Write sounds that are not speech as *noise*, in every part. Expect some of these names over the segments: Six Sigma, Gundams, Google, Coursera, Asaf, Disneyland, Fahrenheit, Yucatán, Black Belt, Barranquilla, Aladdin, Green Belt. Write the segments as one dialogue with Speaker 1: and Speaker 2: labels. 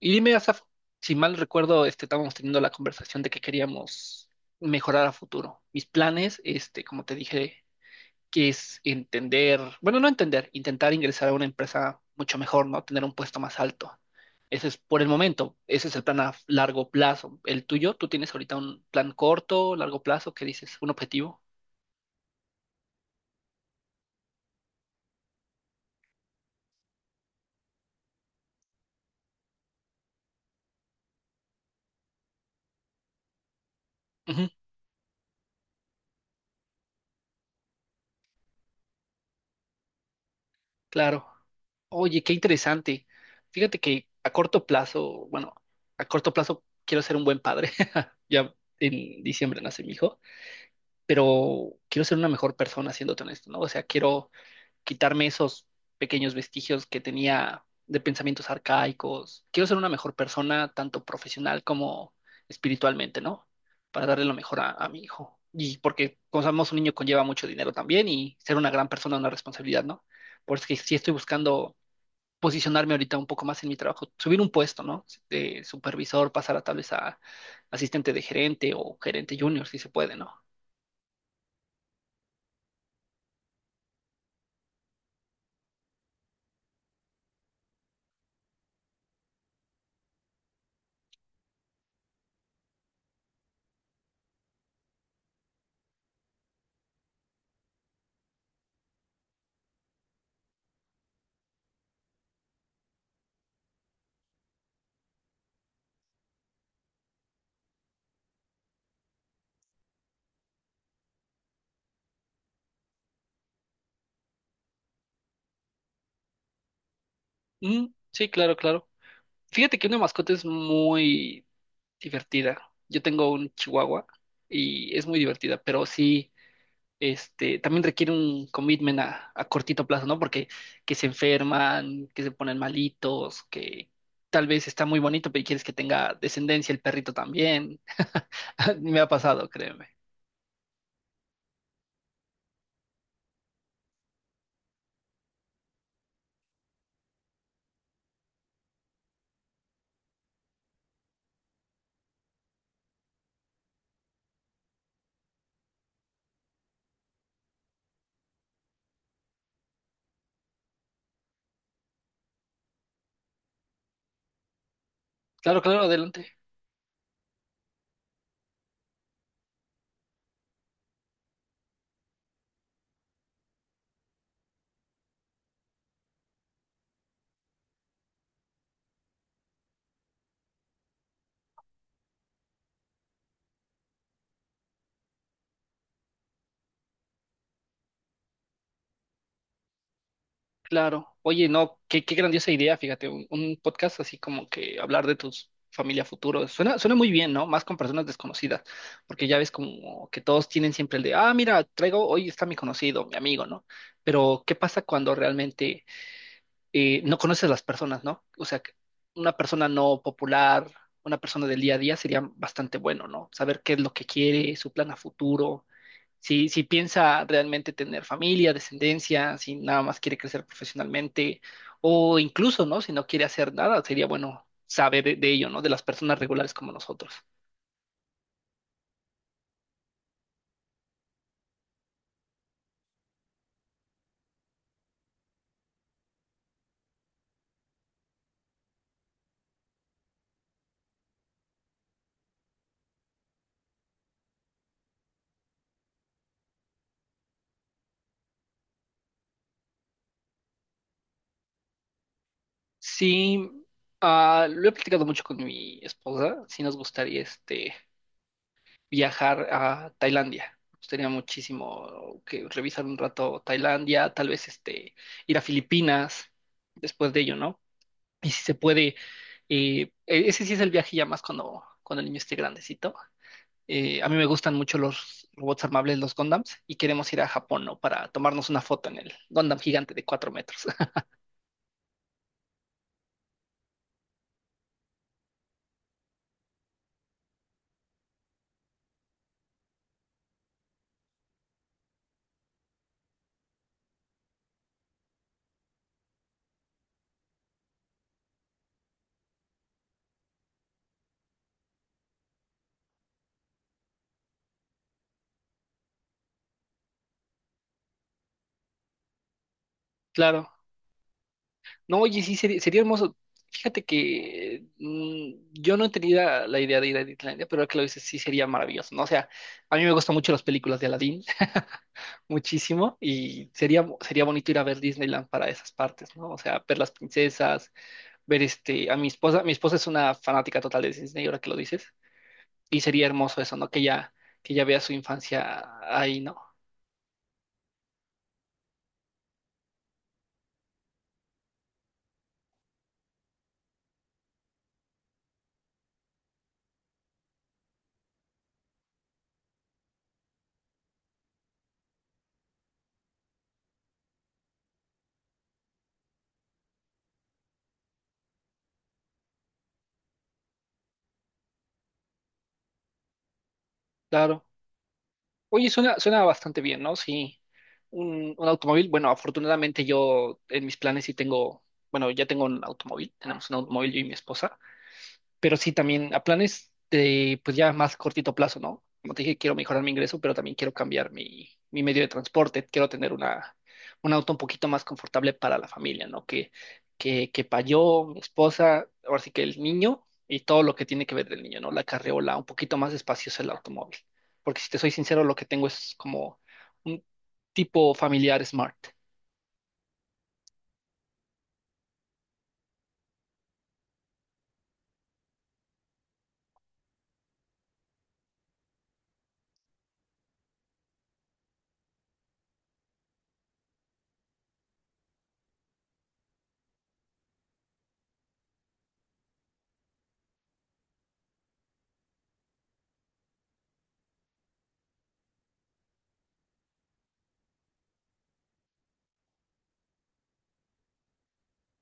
Speaker 1: Y dime, Asaf, si mal recuerdo, estábamos teniendo la conversación de que queríamos mejorar a futuro. Mis planes, como te dije, que es entender, bueno, no entender, intentar ingresar a una empresa mucho mejor, ¿no? Tener un puesto más alto. Ese es por el momento, ese es el plan a largo plazo. ¿El tuyo? ¿Tú tienes ahorita un plan corto, largo plazo? ¿Qué dices? ¿Un objetivo? Claro. Oye, qué interesante. Fíjate que a corto plazo, bueno, a corto plazo quiero ser un buen padre. *laughs* Ya en diciembre nace mi hijo, pero quiero ser una mejor persona, siéndote honesto, ¿no? O sea, quiero quitarme esos pequeños vestigios que tenía de pensamientos arcaicos. Quiero ser una mejor persona, tanto profesional como espiritualmente, ¿no? Para darle lo mejor a mi hijo. Y porque, como sabemos, un niño conlleva mucho dinero también y ser una gran persona es una responsabilidad, ¿no? Por eso que sí estoy buscando posicionarme ahorita un poco más en mi trabajo, subir un puesto, ¿no? De supervisor, pasar a tal vez a asistente de gerente o gerente junior, si se puede, ¿no? Mm, sí, claro, claro. Fíjate que una mascota es muy divertida. Yo tengo un chihuahua y es muy divertida, pero sí, también requiere un commitment a cortito plazo, ¿no? Porque que se enferman, que se ponen malitos, que tal vez está muy bonito, pero quieres que tenga descendencia el perrito también. *laughs* Me ha pasado, créeme. Claro, claro, adelante. Claro. Oye, no, qué, qué grandiosa idea, fíjate, un podcast así como que hablar de tus familia futuro. Suena, suena muy bien, ¿no? Más con personas desconocidas, porque ya ves como que todos tienen siempre el de, ah, mira, traigo, hoy está mi conocido, mi amigo, ¿no? Pero ¿qué pasa cuando realmente no conoces a las personas, ¿no? O sea, que una persona no popular, una persona del día a día sería bastante bueno, ¿no? Saber qué es lo que quiere, su plan a futuro, si piensa realmente tener familia, descendencia, si nada más quiere crecer profesionalmente o incluso, ¿no? Si no quiere hacer nada, sería bueno saber de ello, ¿no? De las personas regulares como nosotros. Sí, ah, lo he platicado mucho con mi esposa, sí nos gustaría viajar a Tailandia. Nos gustaría muchísimo que revisar un rato Tailandia, tal vez ir a Filipinas después de ello, ¿no? Y si se puede, ese sí es el viaje ya más cuando, cuando el niño esté grandecito. A mí me gustan mucho los robots armables, los Gundams, y queremos ir a Japón, ¿no? Para tomarnos una foto en el Gundam gigante de 4 metros. *laughs* Claro. No, oye, sí, sería, sería hermoso. Fíjate que mm, yo no tenía la idea de ir a Disneylandia, pero ahora que lo dices, sí sería maravilloso, ¿no? O sea, a mí me gustan mucho las películas de Aladdin, *laughs* muchísimo, y sería, sería bonito ir a ver Disneyland para esas partes, ¿no? O sea, ver las princesas, ver a mi esposa. Mi esposa es una fanática total de Disney, ahora que lo dices. Y sería hermoso eso, ¿no? Que ya vea su infancia ahí, ¿no? Claro. Oye, suena, suena bastante bien, ¿no? Sí. Un automóvil, bueno, afortunadamente yo en mis planes sí tengo, bueno, ya tengo un automóvil, tenemos un automóvil yo y mi esposa. Pero sí también a planes de, pues ya más cortito plazo, ¿no? Como te dije, quiero mejorar mi ingreso, pero también quiero cambiar mi, mi medio de transporte, quiero tener una, un auto un poquito más confortable para la familia, ¿no? Que para yo, mi esposa, ahora sí que el niño y todo lo que tiene que ver del niño, ¿no? La carriola, un poquito más espacioso el automóvil, porque si te soy sincero, lo que tengo es como un tipo familiar smart.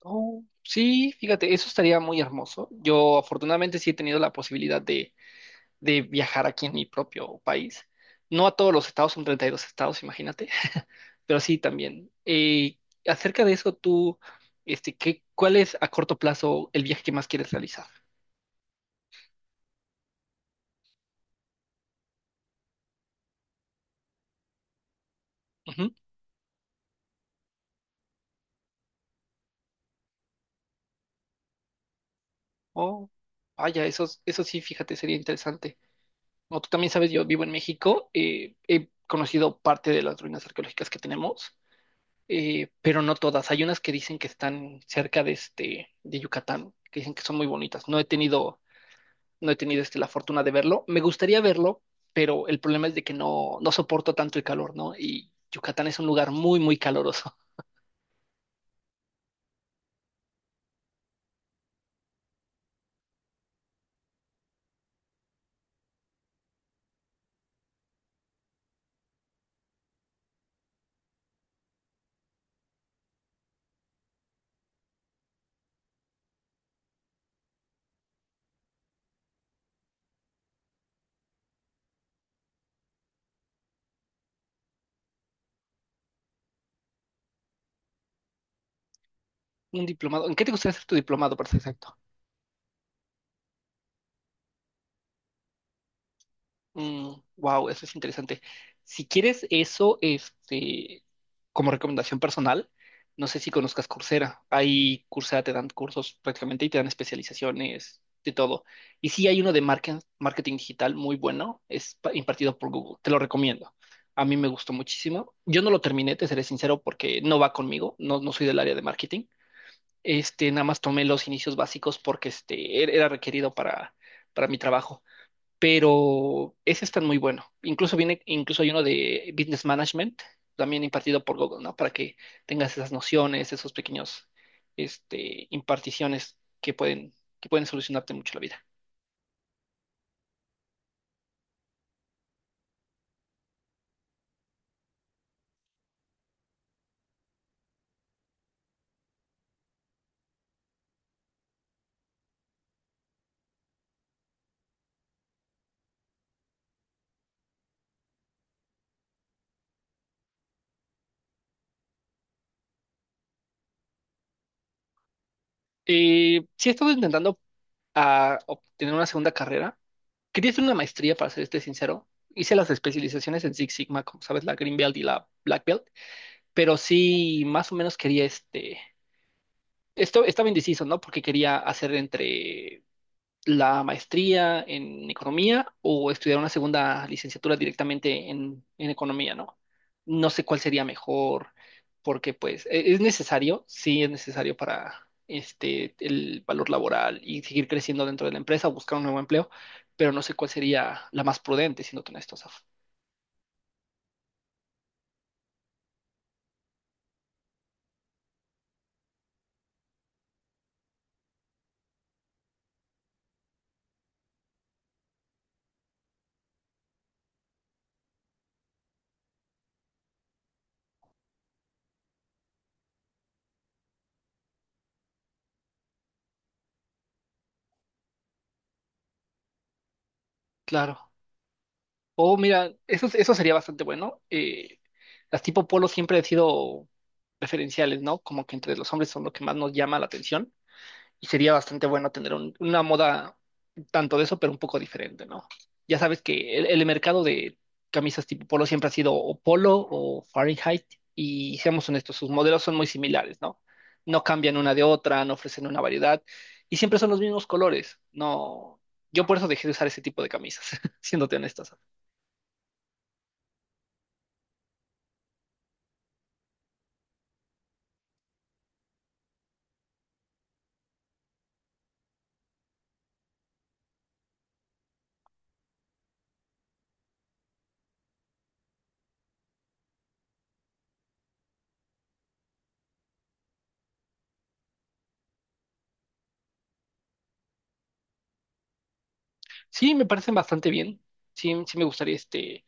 Speaker 1: Oh, sí, fíjate, eso estaría muy hermoso. Yo afortunadamente sí he tenido la posibilidad de viajar aquí en mi propio país. No a todos los estados, son 32 estados, imagínate, *laughs* pero sí también. Acerca de eso, tú, ¿qué, cuál es a corto plazo el viaje que más quieres realizar? Ujú. Oh, vaya, eso sí, fíjate, sería interesante. Como tú también sabes, yo vivo en México, he conocido parte de las ruinas arqueológicas que tenemos, pero no todas. Hay unas que dicen que están cerca de, de Yucatán, que dicen que son muy bonitas. No he tenido la fortuna de verlo. Me gustaría verlo, pero el problema es de que no, no soporto tanto el calor, ¿no? Y Yucatán es un lugar muy, muy caloroso. *laughs* Un diplomado. ¿En qué te gustaría hacer tu diplomado, para ser exacto? Wow, eso es interesante. Si quieres eso, como recomendación personal, no sé si conozcas Coursera. Ahí Coursera te dan cursos prácticamente y te dan especializaciones de todo. Y sí hay uno de marketing digital muy bueno, es impartido por Google. Te lo recomiendo. A mí me gustó muchísimo. Yo no lo terminé, te seré sincero, porque no va conmigo. No, no soy del área de marketing. Este, nada más tomé los inicios básicos porque era requerido para mi trabajo, pero ese está muy bueno. Incluso viene, incluso hay uno de Business Management, también impartido por Google, ¿no? Para que tengas esas nociones, esos pequeños, imparticiones que pueden solucionarte mucho la vida. Sí he estado intentando ah, obtener una segunda carrera. Quería hacer una maestría, para serte sincero. Hice las especializaciones en Six Sigma, como sabes, la Green Belt y la Black Belt, pero sí más o menos quería este... Esto estaba indeciso, ¿no? Porque quería hacer entre la maestría en economía o estudiar una segunda licenciatura directamente en economía, ¿no? No sé cuál sería mejor, porque pues es necesario, sí es necesario para este el valor laboral y seguir creciendo dentro de la empresa, o buscar un nuevo empleo, pero no sé cuál sería la más prudente, siendo honestos. Af. Claro. O mira, eso sería bastante bueno. Las tipo polo siempre han sido preferenciales, ¿no? Como que entre los hombres son lo que más nos llama la atención y sería bastante bueno tener una moda tanto de eso, pero un poco diferente, ¿no? Ya sabes que el mercado de camisas tipo polo siempre ha sido o polo o Fahrenheit, y seamos honestos, sus modelos son muy similares, ¿no? No cambian una de otra, no ofrecen una variedad y siempre son los mismos colores, ¿no? Yo por eso dejé de usar ese tipo de camisas, *laughs* siéndote honestas. Sí, me parecen bastante bien. Sí, sí me gustaría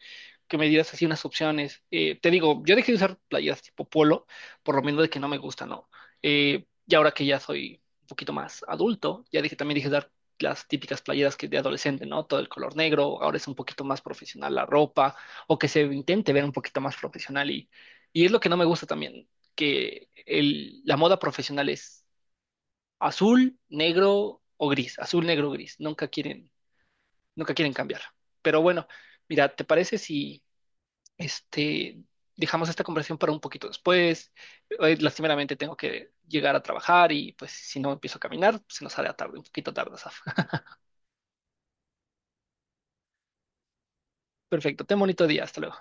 Speaker 1: que me dieras así unas opciones. Te digo, yo dejé de usar playeras tipo polo, por lo menos de que no me gusta, ¿no? Y ahora que ya soy un poquito más adulto, ya dije, también dije dar las típicas playeras que de adolescente, ¿no? Todo el color negro, ahora es un poquito más profesional la ropa, o que se intente ver un poquito más profesional y es lo que no me gusta también, que la moda profesional es azul, negro o gris, azul, negro, gris, nunca quieren cambiar. Pero bueno, mira, ¿te parece si este, dejamos esta conversación para un poquito después? Hoy, lastimeramente tengo que llegar a trabajar y pues si no empiezo a caminar, se nos hará tarde, un poquito tarde, Asaf. *laughs* Perfecto, ten bonito día, hasta luego.